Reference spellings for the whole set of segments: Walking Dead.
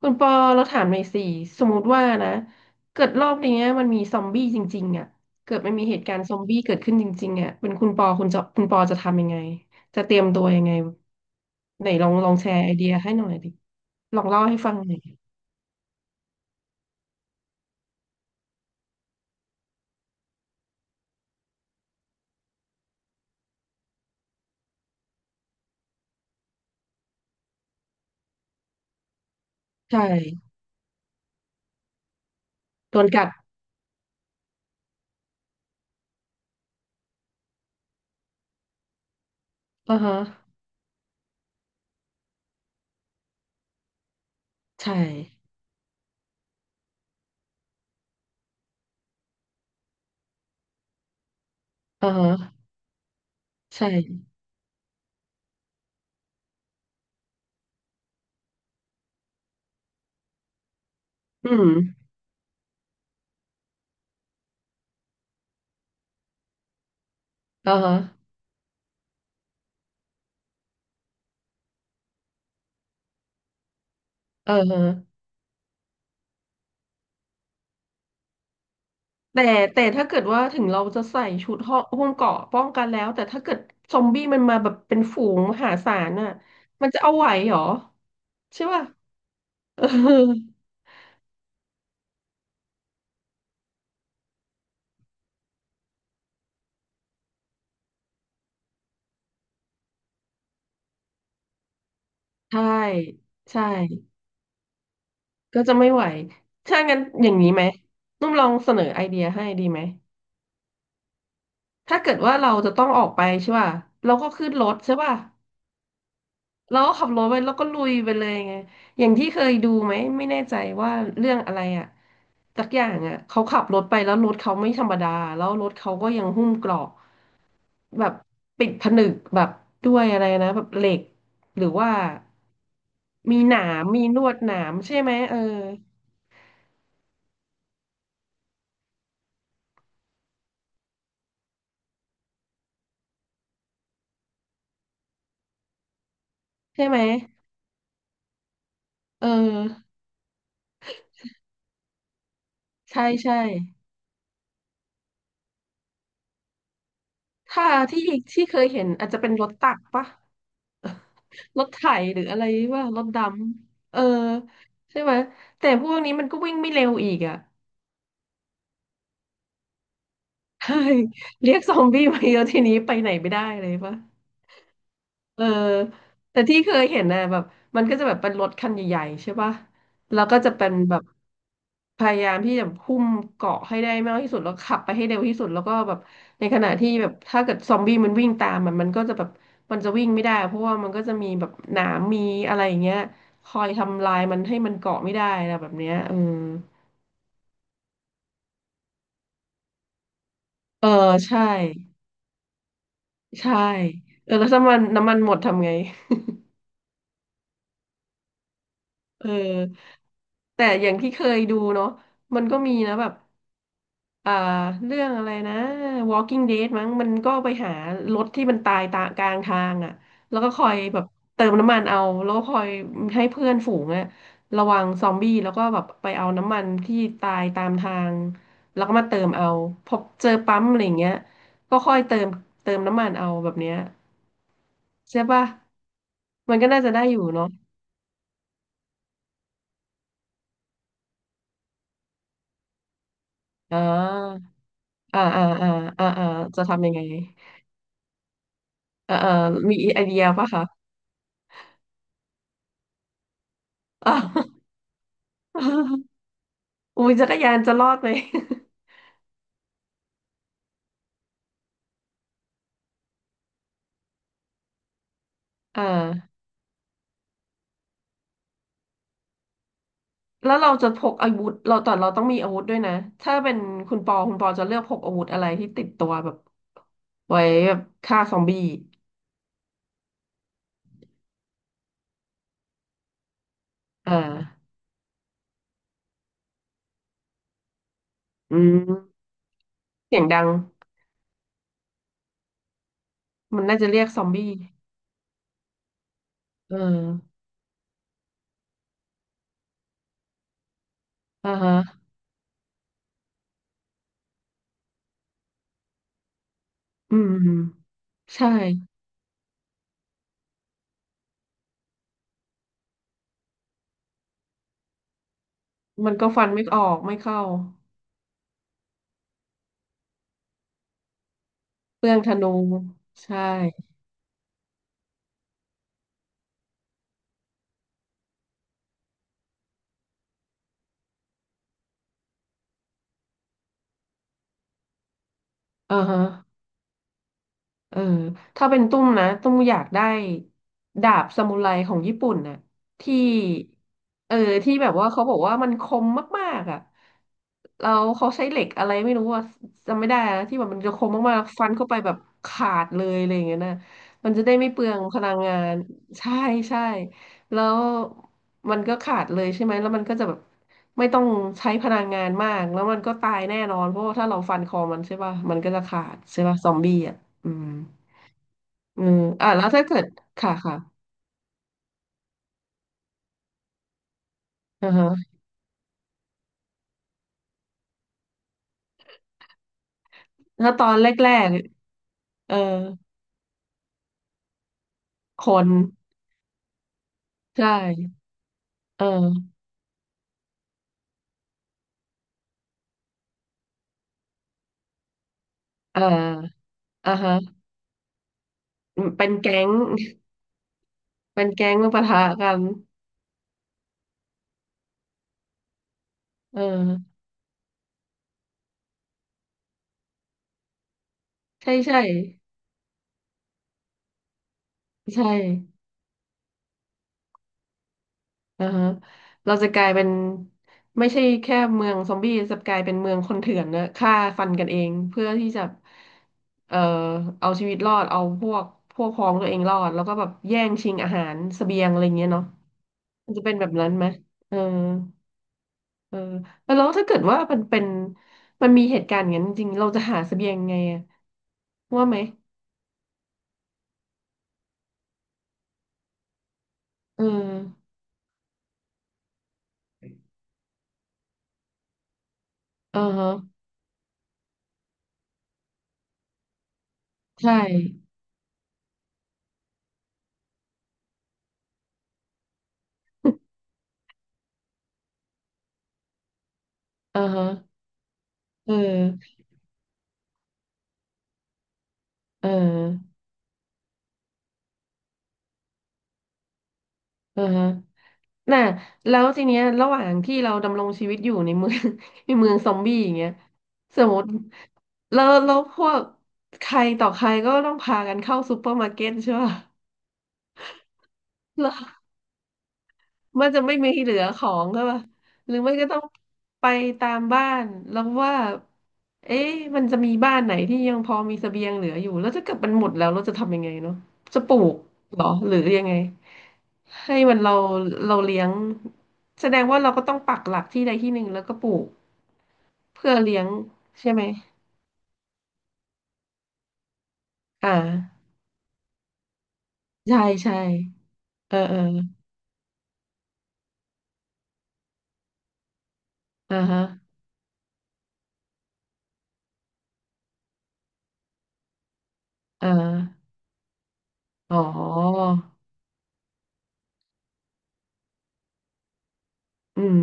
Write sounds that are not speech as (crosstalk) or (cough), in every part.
คุณปอเราถามหน่อยสิสมมติว่านะเกิดรอบเนี้ยมันมีซอมบี้จริงๆอ่ะเกิดมันมีเหตุการณ์ซอมบี้เกิดขึ้นจริงๆอ่ะเป็นคุณปอจะทำยังไงจะเตรียมตัวยังไงไหนลองแชร์ไอเดียให้หน่อยดิลองเล่าให้ฟังหน่อยใช่โดนกัดอ่าฮะใช่อ่าฮะใช่อืมอ่าฮะเออ แต่แต่ถ้าเกิดว่าถึงเราจะใส่ชุดห่อหุ้มเกราะป้องกันแล้วแต่ถ้าเกิดซอมบี้มันมาแบบเป็นฝูงมหาศาลน่ะมันจะเอาไหวเหรอใช่ป่ะเออใช่ใช่ก็จะไม่ไหวถ้างั้นอย่างนี้ไหมนุ่มลองเสนอไอเดียให้ดีไหมถ้าเกิดว่าเราจะต้องออกไปใช่ป่ะเราก็ขึ้นรถใช่ป่ะ เราก็ขับรถไปแล้วก็ลุยไปเลยไงอย่างที่เคยดูไหมไม่แน่ใจว่าเรื่องอะไรอ่ะสักอย่างอ่ะเขาขับรถไปแล้วรถเขาไม่ธรรมดาแล้วรถเขาก็ยังหุ้มเกราะแบบปิดผนึกแบบด้วยอะไรนะแบบเหล็กหรือว่ามีหนามมีลวดหนามใช่ไหมเออใช่ไหมเออใช่ใช่ถ้าที่ที่เคยเห็นอาจจะเป็นรถตักปะ (laughs) รถไถหรืออะไรว่ารถดำ เออใช่ไหมแต่พวกนี้มันก็วิ่งไม่เร็วอีกอ่ะ (laughs) ใช่เรียกซอมบี้มาเยอะทีนี้ไปไหนไม่ได้เลยปะ เออแต่ที่เคยเห็นนะแบบมันก็จะแบบเป็นรถคันใหญ่ๆใช่ป่ะแล้วก็จะเป็นแบบพยายามที่จะหุ้มเกาะให้ได้มากที่สุดแล้วขับไปให้เร็วที่สุดแล้วก็แบบในขณะที่แบบถ้าเกิดซอมบี้มันวิ่งตามมันก็จะแบบมันจะวิ่งไม่ได้เพราะว่ามันก็จะมีแบบหนามมีอะไรอย่างเงี้ยคอยทำลายมันให้มันเกาะไม่ได้นะแบบเนี้ยเออเออใช่ใช่เออแล้วถ้ามันน้ำมันหมดทำไงเออแต่อย่างที่เคยดูเนาะมันก็มีนะแบบ เอ่อเรื่องอะไรนะ Walking Dead มั้งมันก็ไปหารถที่มันตายตากลางทางอ่ะแล้วก็คอยแบบเติมน้ำมันเอาแล้วก็คอยให้เพื่อนฝูงอ่ะระวังซอมบี้แล้วก็แบบไปเอาน้ำมันที่ตายตามทางแล้วก็มาเติมเอาพอเจอปั๊มอะไรอย่างเงี้ยก็ค่อยเติมน้ำมันเอาแบบเนี้ยใช่ป่ะมันก็น่าจะได้อยู่เนาะอ่าอ่าอ่าอ่าอ่าจะทำยังไงเออเออมีไอเดียป่ะคะอ่า (laughs) อุ้ยจักรยานจะรอดไหม (laughs) อ่า แล้วเราจะพกอาวุธเราแต่เราต้องมีอาวุธด้วยนะ ถ้าเป็นคุณปอจะเลือกพกอาวุธอะไรที่ติดตัวแบบไว้แบบฆ่าซอมบี้อ่า อืมเสียงดัง มันน่าจะเรียกซอมบี้เอออ่าฮะอืม ใช่ มันก็ฟันไม่ออกไม่เข้าเปลืองธนู ใช่อ่าฮะ เออถ้าเป็นตุ้มนะตุ้มอยากได้ดาบซามูไรของญี่ปุ่นน่ะที่เออที่แบบว่าเขาบอกว่ามันคมมากๆอ่ะเราเขาใช้เหล็กอะไรไม่รู้ว่าจำไม่ได้นะที่แบบมันจะคมมากๆฟันเข้าไปแบบขาดเลยอะไรอย่างเงี้ยนะมันจะได้ไม่เปลืองพลังงานใช่ใช่แล้วมันก็ขาดเลยใช่ไหมแล้วมันก็จะแบบไม่ต้องใช้พลังงานมากแล้วมันก็ตายแน่นอนเพราะว่าถ้าเราฟันคอมันใช่ป่ะมันก็จะขาดใช่ป่ะซอมบี้อ่ะ อืมอืมอ่ะแล้วถ้าเกิดค่ะค่ะอือฮะถ้าตอนแรกๆเออคนใช่เออเอออ่าฮะอืมเป็นแก๊ง (laughs) เป็นแก๊งมาปะทะกันเออใช่ใช่ใช่อ่าฮะเราจะกลายเป็นไม่ใช่แค่เมืองซอมบี้จะกลายเป็นเมืองคนเถื่อนนะฆ่าฟันกันเองเพื่อที่จะเอ่อเอาชีวิตรอดเอาพวกพ้องตัวเองรอดแล้วก็แบบแย่งชิงอาหารเสบียงอะไรเงี้ยเนาะ มันจะเป็นแบบนั้นไหมเออเออแล้วถ้าเกิดว่ามันเป็น มันมีเหตุการณ์อย่างนั้นจริงๆเราจะหาเสบียงไงอะว่าไหม เออเออฮะ ใช่เออฮะ เออ เออเออฮะน่ะแล้วทีเนี้ยระหว่างที่เราดำรงชีวิตอยู่ในเมือง (laughs) ในเมืองซอมบี้อย่างเงี้ยสมมติแล้วพวกใครต่อใครก็ต้องพากันเข้าซูเปอร์มาร์เก็ตใช่ป่ะแล้ว มันจะไม่มีเหลือของใช่ป่ะหรือไม่ก็ต้องไปตามบ้านแล้วว่าเอ๊ะมันจะมีบ้านไหนที่ยังพอมีเสบียงเหลืออยู่แล้วถ้าเกิดมันหมดแล้วเราจะทำยังไงเนาะจะปลูกเหรอหรือยังไงให้มันเราเลี้ยงแสดงว่าเราก็ต้องปักหลักที่ใดที่หนึ่งแล้วก็ปลูกเพื่อเลี้ยงใช่ไหมอ่าใช่ใช่เออเอออ่าฮะอ่าอ๋ออืม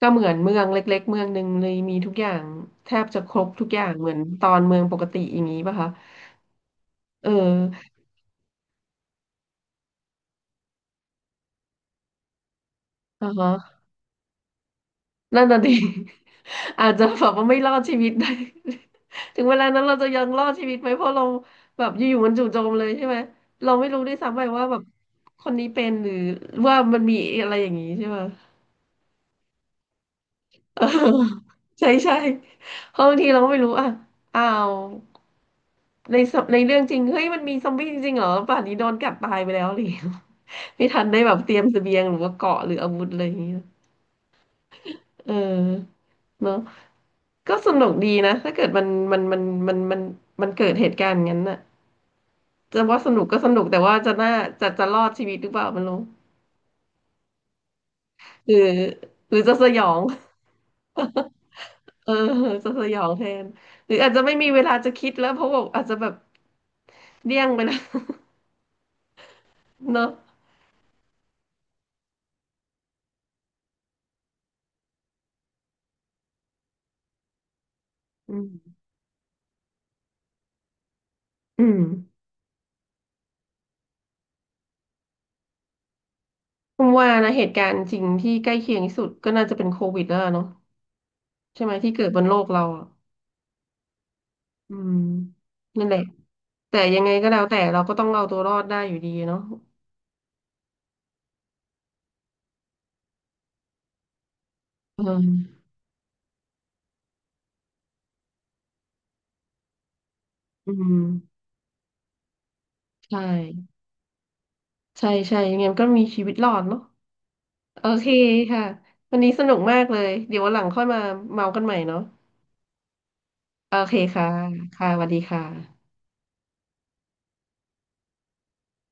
ก็เหมือนเมืองเล็กๆเมืองหนึ่งเลยมีทุกอย่างแทบจะครบทุกอย่างเหมือนตอนเมืองปกติอย่างนี้ป่ะคะเอออ่าฮะนั่นน่ะดิ (laughs) อาจจะแบบว่าไม่รอดชีวิตได้ (laughs) ถึงเวลานั้นเราจะยังรอดชีวิตไหมเพราะเราแบบอยู่ๆมันจู่โจมเลยใช่ไหมเราไม่รู้ด้วยซ้ำไปว่าแบบคนนี้เป็นหรือว่ามันมีอะไรอย่างนี้ใช่ไหมเออ (laughs) ใช่ใช่เพราะบางทีเราก็ไม่รู้อ่ะอ้าว ในเรื่องจริงเฮ้ยมันมีซอมบี้จริงๆเหรอป่านนี้โดนกัดตายไปแล้วเลย (laughs) ไม่ทันได้แบบเตรียมเสบียงหรือว่าเกราะหรืออาวุธอะไรอย่างเงี้ยเออเนาะก็สนุกดีนะถ้าเกิดมันมันมันมันมันมันเกิดเหตุการณ์อย่างนั้นน่ะจะว่าสนุกก็สนุกแต่ว่าจะน่าจะรอดชีวิตหรือเปล่าไม่รู้หรือจะสยอง (laughs) เออจะสยองแทนหรืออาจจะไม่มีเวลาจะคิดแล้วเพราะว่าอาจจะแบบเดี้ยงไปแล้ว (laughs) เนาะอืมอืม ผมว่านะเหตุการณ์จริงที่ใกล้เคียงที่สุดก็น่าจะเป็นโควิดแล้วล่ะเนาะใช่ไหมที่เกิดบนโลกเราอะอืมนั่นแหละแต่ยังไงก็แล้วแต่เราก็ต้องเอาตัวรอดได้อยู่ดีเนาะเอออืมใช่ใช่ใช่ยังไงมันก็มีชีวิตรอดเนาะโอเคค่ะวันนี้สนุกมากเลยเดี๋ยววันหลังค่อยมาเมากันใหม่เนาะโอเคค่ะค่ะสวัสดีค่ะ